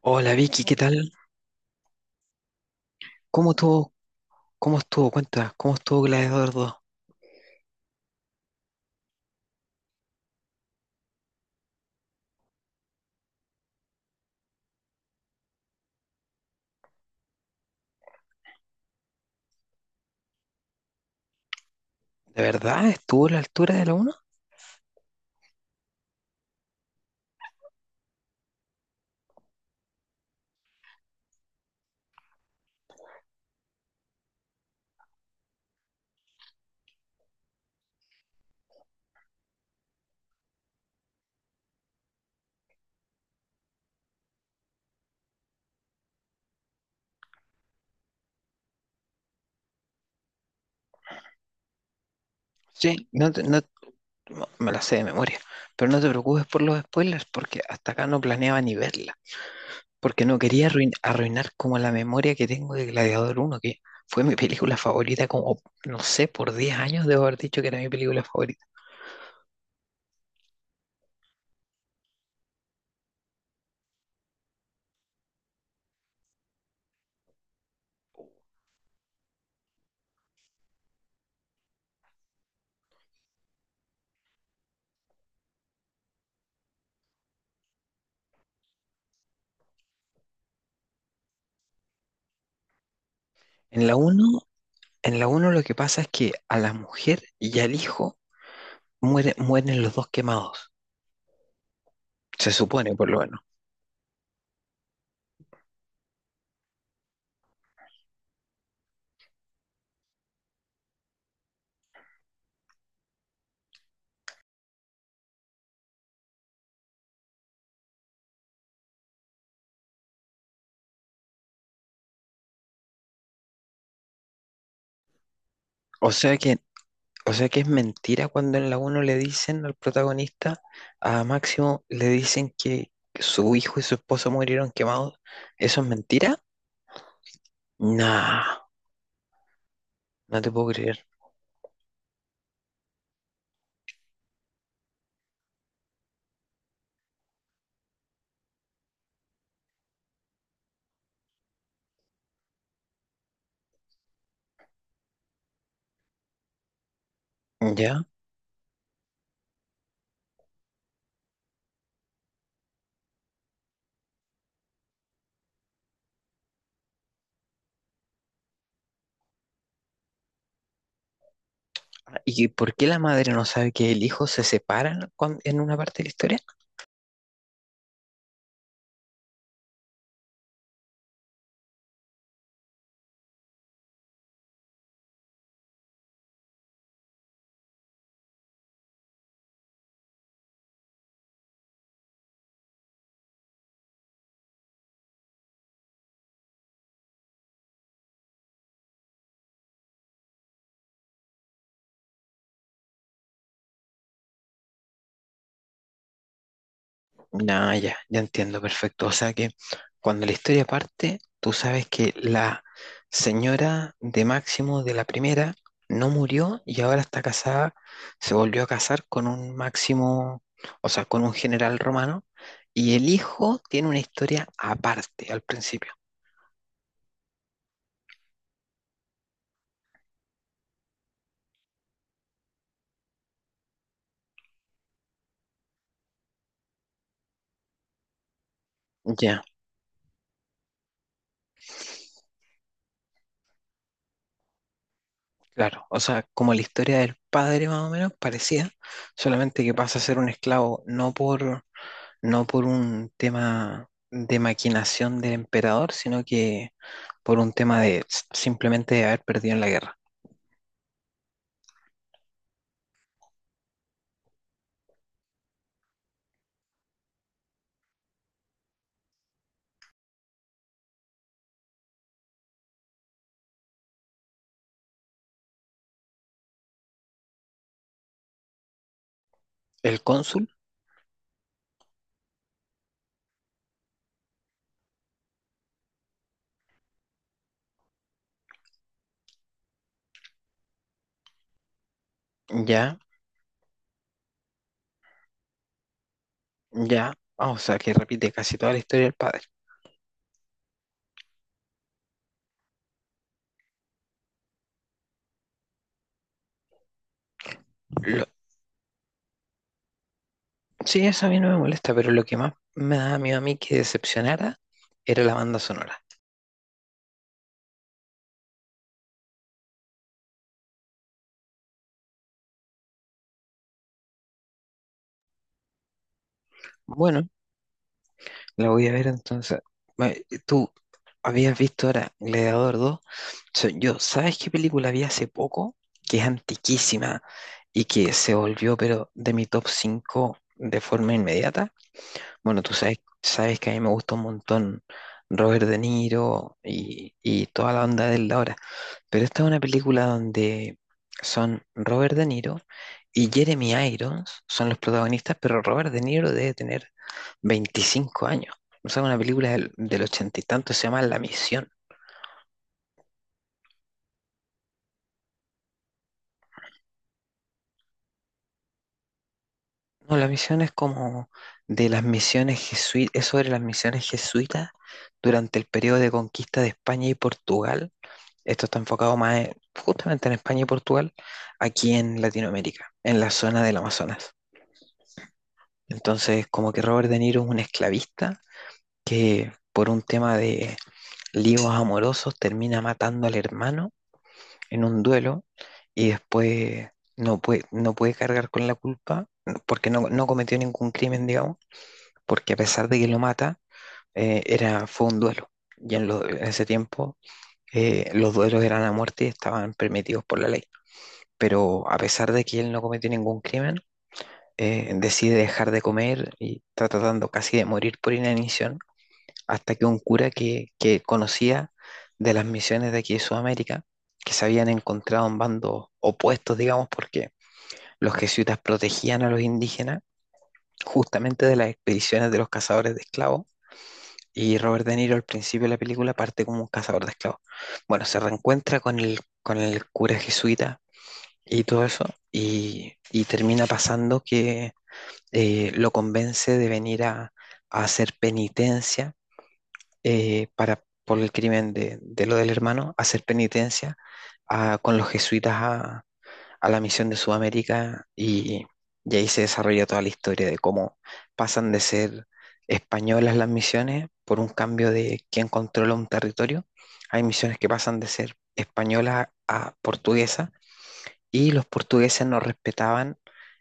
Hola Vicky, ¿qué tal? ¿Cómo estuvo? ¿Cómo estuvo? Cuenta, ¿cómo estuvo Gladiador dos? ¿De verdad estuvo a la altura de la uno? Sí, no, no, me la sé de memoria, pero no te preocupes por los spoilers porque hasta acá no planeaba ni verla, porque no quería arruinar como la memoria que tengo de Gladiador uno, que fue mi película favorita como, no sé, por 10 años debo haber dicho que era mi película favorita. En la uno, en la uno lo que pasa es que a la mujer y al hijo mueren los dos quemados, se supone por lo menos. O sea que, o sea que es mentira cuando en la uno le dicen al protagonista, a Máximo, le dicen que su hijo y su esposa murieron quemados. ¿Eso es mentira? Nah, no te puedo creer. ¿Ya? ¿Y por qué la madre no sabe que el hijo se separan en una parte de la historia? No, ya, ya entiendo, perfecto. O sea que cuando la historia parte, tú sabes que la señora de Máximo de la primera no murió y ahora está casada, se volvió a casar con un Máximo, o sea, con un general romano, y el hijo tiene una historia aparte al principio. Ya, claro. O sea, como la historia del padre más o menos parecía, solamente que pasa a ser un esclavo no por un tema de maquinación del emperador, sino que por un tema de simplemente de haber perdido en la guerra. El cónsul, ya, ya, ah, o sea, que repite casi toda la historia del padre. Lo- sí, eso a mí no me molesta, pero lo que más me daba miedo a mí que decepcionara era la banda sonora. Bueno, la voy a ver entonces. Ma- Tú habías visto ahora Gladiador dos. Yo, ¿sabes qué película vi hace poco? Que es antiquísima y que se volvió, pero de mi top 5 de forma inmediata. Bueno, tú sabes, que a mí me gusta un montón Robert De Niro y toda la onda de él ahora. Pero esta es una película donde son Robert De Niro y Jeremy Irons son los protagonistas, pero Robert De Niro debe tener 25 años. O sea, una película del ochenta y tanto, se llama La Misión. No, La Misión es como de las misiones jesuitas, es sobre las misiones jesuitas durante el periodo de conquista de España y Portugal. Esto está enfocado más justamente en España y Portugal, aquí en Latinoamérica, en la zona del Amazonas. Entonces, como que Robert De Niro es un esclavista que por un tema de líos amorosos termina matando al hermano en un duelo y después no puede cargar con la culpa porque no cometió ningún crimen, digamos, porque a pesar de que lo mata, era, fue un duelo. En ese tiempo, los duelos eran a muerte y estaban permitidos por la ley. Pero a pesar de que él no cometió ningún crimen, decide dejar de comer y está tratando casi de morir por inanición hasta que un cura que conocía de las misiones de aquí de Sudamérica, que se habían encontrado en bandos opuestos, digamos, porque los jesuitas protegían a los indígenas justamente de las expediciones de los cazadores de esclavos. Y Robert De Niro al principio de la película parte como un cazador de esclavos. Bueno, se reencuentra con con el cura jesuita y todo eso, y termina pasando que lo convence de venir a hacer penitencia, por el crimen de lo del hermano, hacer penitencia con los jesuitas a la misión de Sudamérica, y ahí se desarrolla toda la historia de cómo pasan de ser españolas las misiones por un cambio de quién controla un territorio. Hay misiones que pasan de ser españolas a portuguesas y los portugueses no respetaban,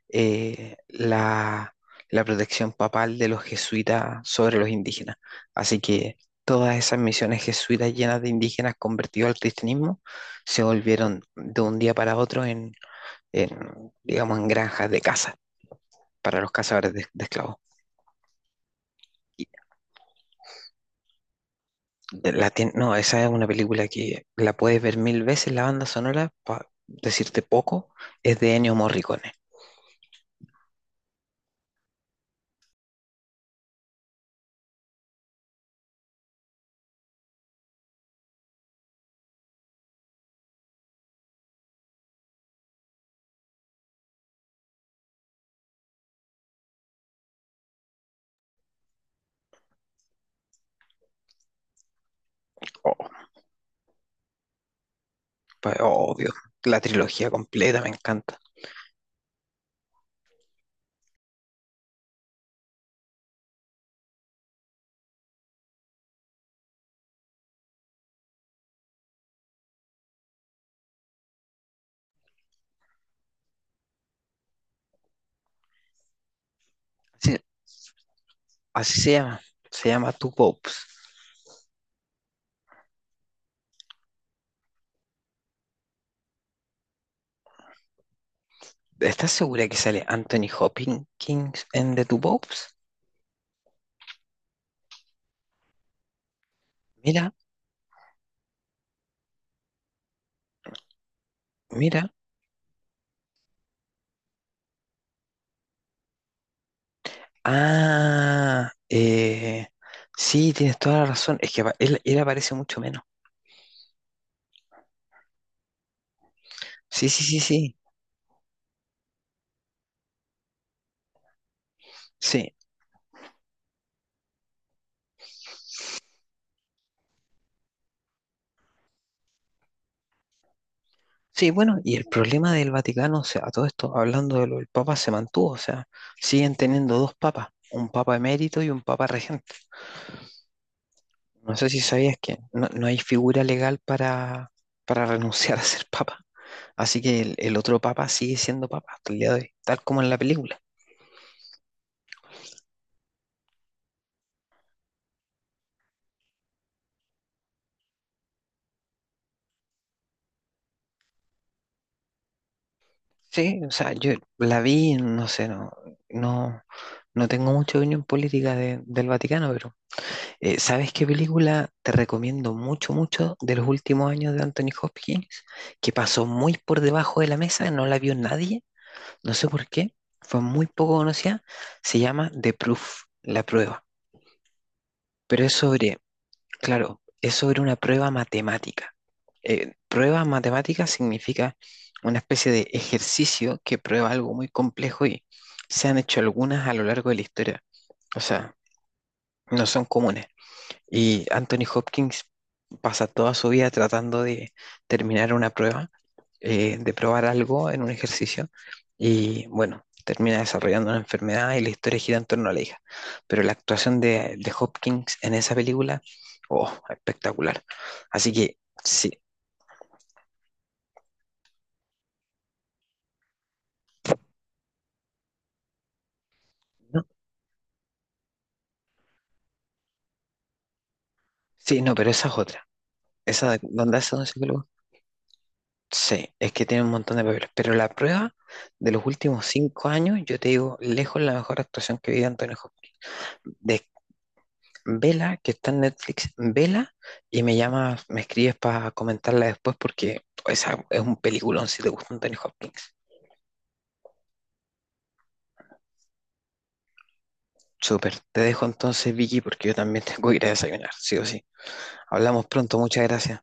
eh, la, la protección papal de los jesuitas sobre los indígenas. Así que todas esas misiones jesuitas llenas de indígenas convertidos al cristianismo se volvieron de un día para otro digamos, en granjas de caza para los cazadores de esclavos. Y no, esa es una película que la puedes ver mil veces. La banda sonora, para decirte poco, es de Ennio Morricone. Oh, la trilogía completa me encanta. Así, así se llama, Two Popes. ¿Estás segura que sale Anthony Hopkins en The Two Popes? Mira, mira. Ah, sí, tienes toda la razón. Es que él aparece mucho menos. Sí, sí, sí, sí. Sí, sí, bueno, y el problema del Vaticano, o sea, a todo esto, hablando de lo del Papa, se mantuvo. O sea, siguen teniendo dos papas, un Papa emérito y un Papa regente. No sé si sabías que no hay figura legal para renunciar a ser papa. Así que el otro papa sigue siendo papa hasta el día de hoy, tal como en la película. Sí, o sea, yo la vi, no sé, no, no tengo mucha opinión política del Vaticano, pero ¿sabes qué película te recomiendo mucho, mucho de los últimos años de Anthony Hopkins? Que pasó muy por debajo de la mesa, no la vio nadie, no sé por qué, fue muy poco conocida, se llama The Proof, La Prueba. Pero, claro, es sobre una prueba matemática. Prueba matemática significa una especie de ejercicio que prueba algo muy complejo y se han hecho algunas a lo largo de la historia. O sea, no son comunes. Y Anthony Hopkins pasa toda su vida tratando de terminar una prueba, de probar algo en un ejercicio y bueno, termina desarrollando una enfermedad y la historia gira en torno a la hija. Pero la actuación de Hopkins en esa película, oh, espectacular. Así que sí, ¿no? Sí, no, pero esa es otra. Esa donde hace un psicólogo, sí, es que tiene un montón de papeles. Pero La Prueba, de los últimos 5 años, yo te digo, lejos la mejor actuación que vi de Anthony Hopkins. De vela, que está en Netflix, vela, y me llamas, me escribes para comentarla después porque esa es un peliculón si te gusta Anthony Hopkins. Súper, te dejo entonces Vicky porque yo también tengo que ir a desayunar, sí o sí. Hablamos pronto, muchas gracias.